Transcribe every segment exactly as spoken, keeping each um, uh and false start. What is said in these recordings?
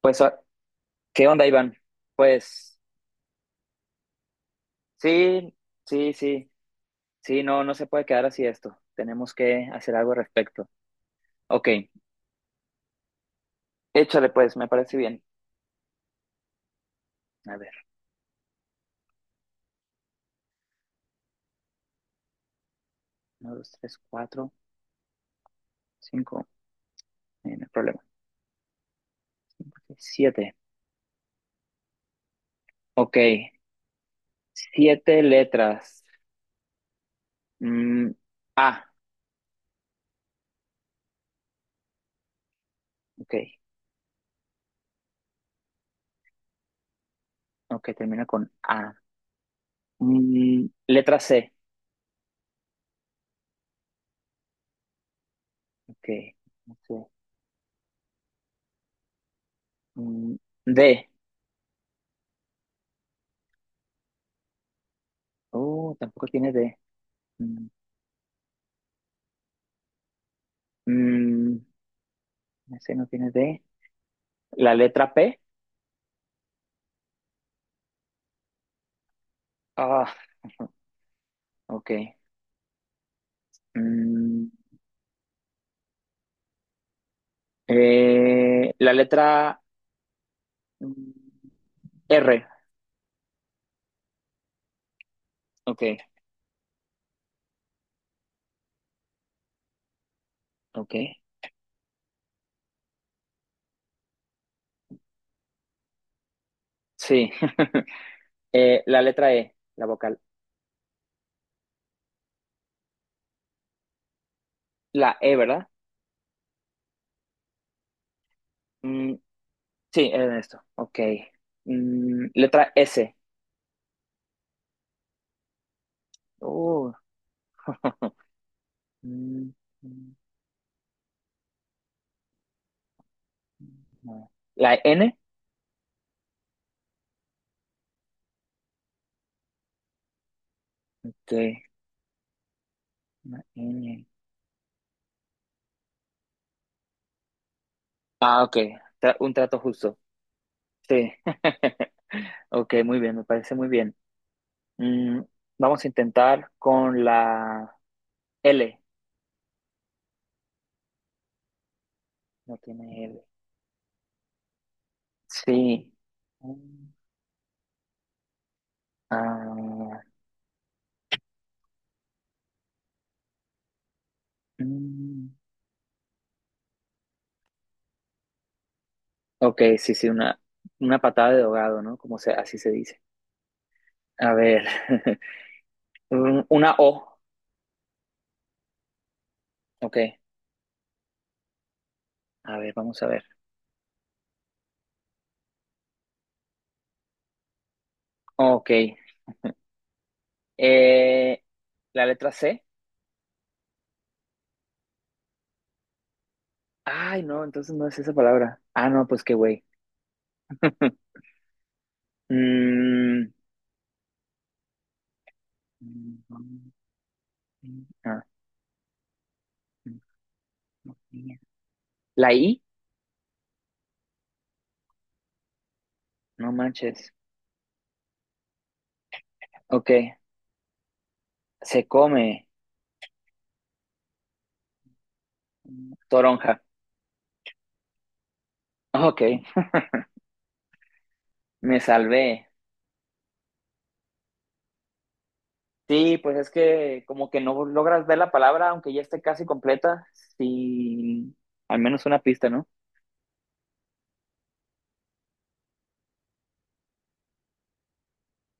Pues, ah, ¿qué onda, Iván? Pues, sí, sí, sí, sí, no, no se puede quedar así esto. Tenemos que hacer algo al respecto. Ok, échale pues, me parece bien. A ver, uno, dos, tres, cuatro, cinco, eh, no hay problema. Siete, ok, siete letras. Mm, A, ok, ok, termina con A. Mm, letra C, ok, no sé. Mm, D, oh, tampoco tiene D. Mm, mm, ese no tiene D. La letra P. Ah, ok. Mm, eh, la letra mm, R. Ok, ok. Sí. Eh, la letra E, la vocal. La E, ¿verdad? Mm, sí, era esto. Ok. Mm, letra S. Uh, mm, mm, no. La N. Ok. La N. Ah, ok. Tra- un trato justo. Sí. Ok, muy bien, me parece muy bien. Mm, vamos a intentar con la L. No tiene L. Sí. Mm, ah, mm. Ok, sí, sí, una, una patada de ahogado, ¿no? Como se, así se dice. A ver, mm, una O. Ok, a ver, vamos a ver. Ok, eh, la letra C. Ay, no, entonces no es esa palabra. Ah, no, pues qué güey. Mm, ah, la I, no manches. Ok, se come toronja. Ok, me salvé. Sí, pues es que como que no logras ver la palabra, aunque ya esté casi completa, sin al menos una pista, ¿no?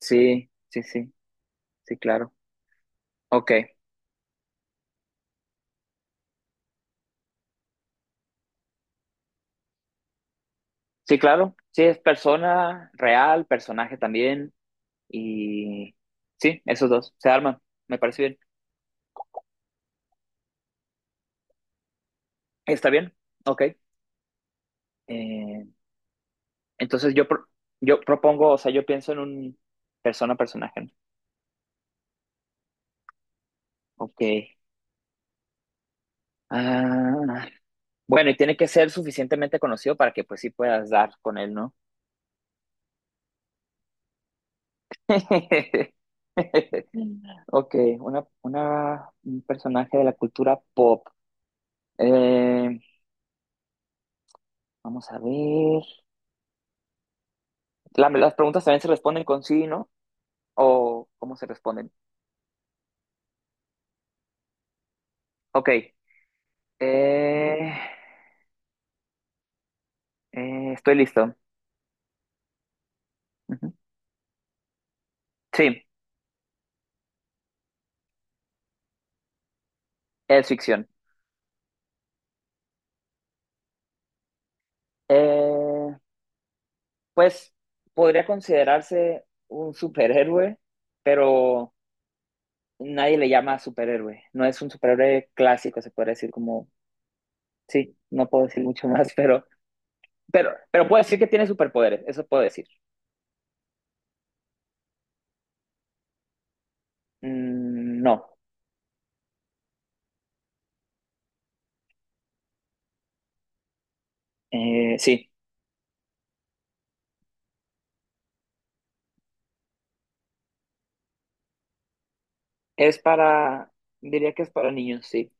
Sí, sí, sí, sí, claro. Ok, sí, claro. Sí, es persona real, personaje también. Y sí, esos dos se arman. Me parece bien. ¿Está bien? Ok. Eh, entonces yo, pro- yo propongo, o sea, yo pienso en un persona-personaje. ¿No? Ok. Ah, bueno, y tiene que ser suficientemente conocido para que pues sí puedas dar con él, ¿no? Ok, una, una, un personaje de la cultura pop. Eh, vamos a ver. La- las preguntas también se responden con sí, ¿no? ¿O cómo se responden? Ok. eh, eh, Estoy listo. Ujú. Sí, es ficción. Eh, pues podría considerarse un superhéroe, pero nadie le llama superhéroe. No es un superhéroe clásico, se puede decir como, sí, no puedo decir mucho más, pero, pero, pero puedo decir que tiene superpoderes, eso puedo decir. Mm, no. Eh, sí, es para, diría que es para niños, sí.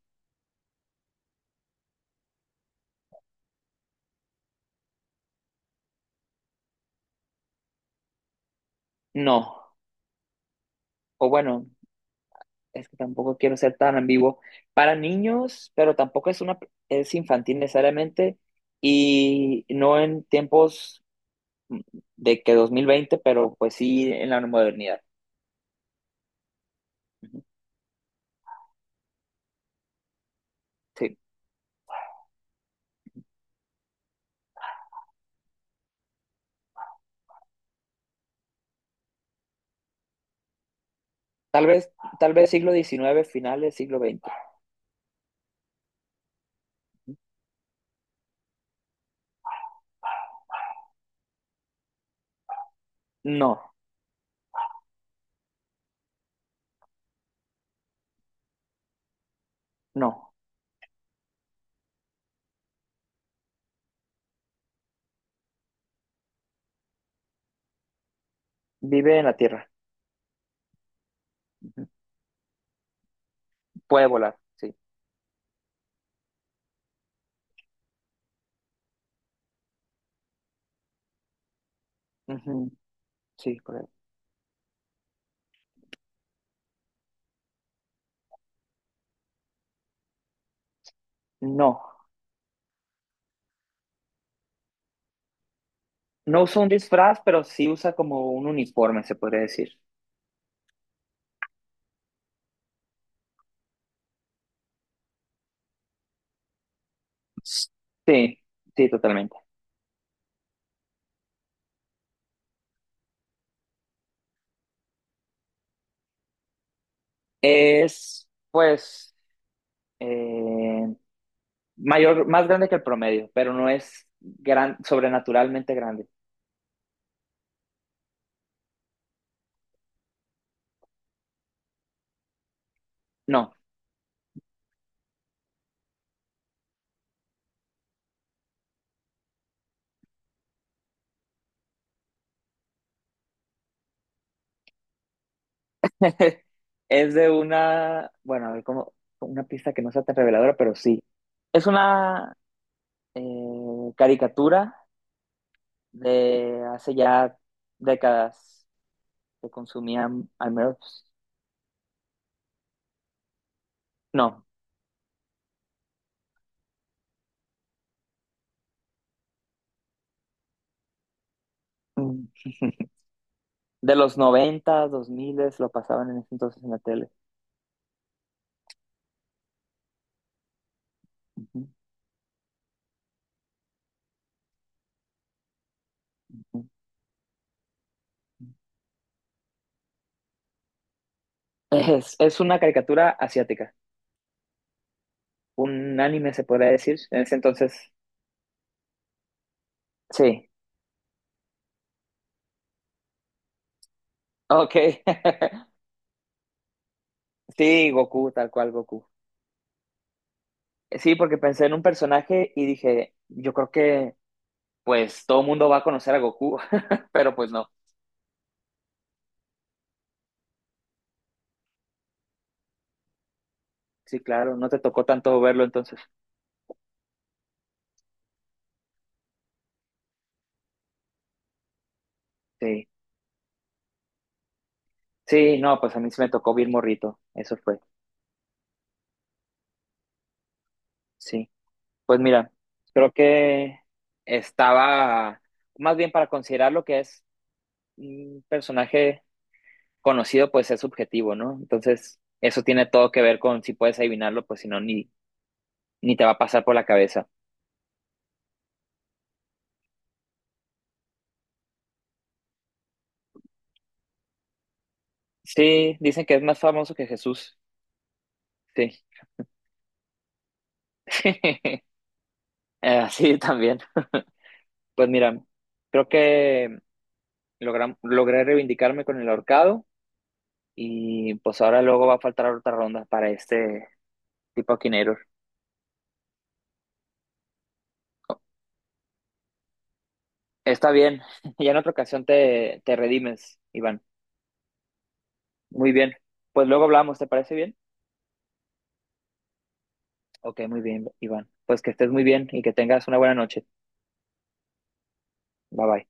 No, o bueno, es que tampoco quiero ser tan ambiguo. Para niños, pero tampoco es una, es infantil necesariamente y no en tiempos mm, de que dos mil veinte, pero pues sí en la modernidad. Ujú, sí. Tal vez, tal vez siglo diecinueve finales siglo veinte. No, no. Vive en la Tierra. Ujú. Puede volar, sí. Ujú, sí, correcto. No. No usa un disfraz, pero sí usa como un uniforme, se podría decir. Sí, sí, totalmente. Es, pues, eh, mayor, más grande que el promedio, pero no es gran, sobrenaturalmente grande. No. Es de una, bueno, a ver, como una pista que no sea tan reveladora, pero sí. Es una eh, caricatura de hace ya décadas que consumían al menos, no, mm, de los noventa dos 2000 lo pasaban en ese entonces en la tele. Ujú, ujú. Es, es una caricatura asiática, un anime se podría decir, en ese entonces, sí, ok, sí, Goku, tal cual Goku. Sí, porque pensé en un personaje y dije, yo creo que pues todo el mundo va a conocer a Goku, pero pues no. Sí, claro, no te tocó tanto verlo entonces. Sí, sí, no, pues a mí sí me tocó bien morrito, eso fue, sí. Pues mira, creo que estaba, más bien para considerar lo que es un personaje conocido, pues es subjetivo, ¿no? Entonces, eso tiene todo que ver con si puedes adivinarlo, pues si no, ni, ni te va a pasar por la cabeza. Sí, dicen que es más famoso que Jesús, sí. Eh, sí, también. Pues mira, creo que logra- logré reivindicarme con el ahorcado. Y pues ahora luego va a faltar otra ronda para este tipo quinero. Está bien, ya en otra ocasión te, te redimes, Iván. Muy bien. Pues luego hablamos, ¿te parece bien? Ok, muy bien, Iván. Pues que estés muy bien y que tengas una buena noche. Bye bye.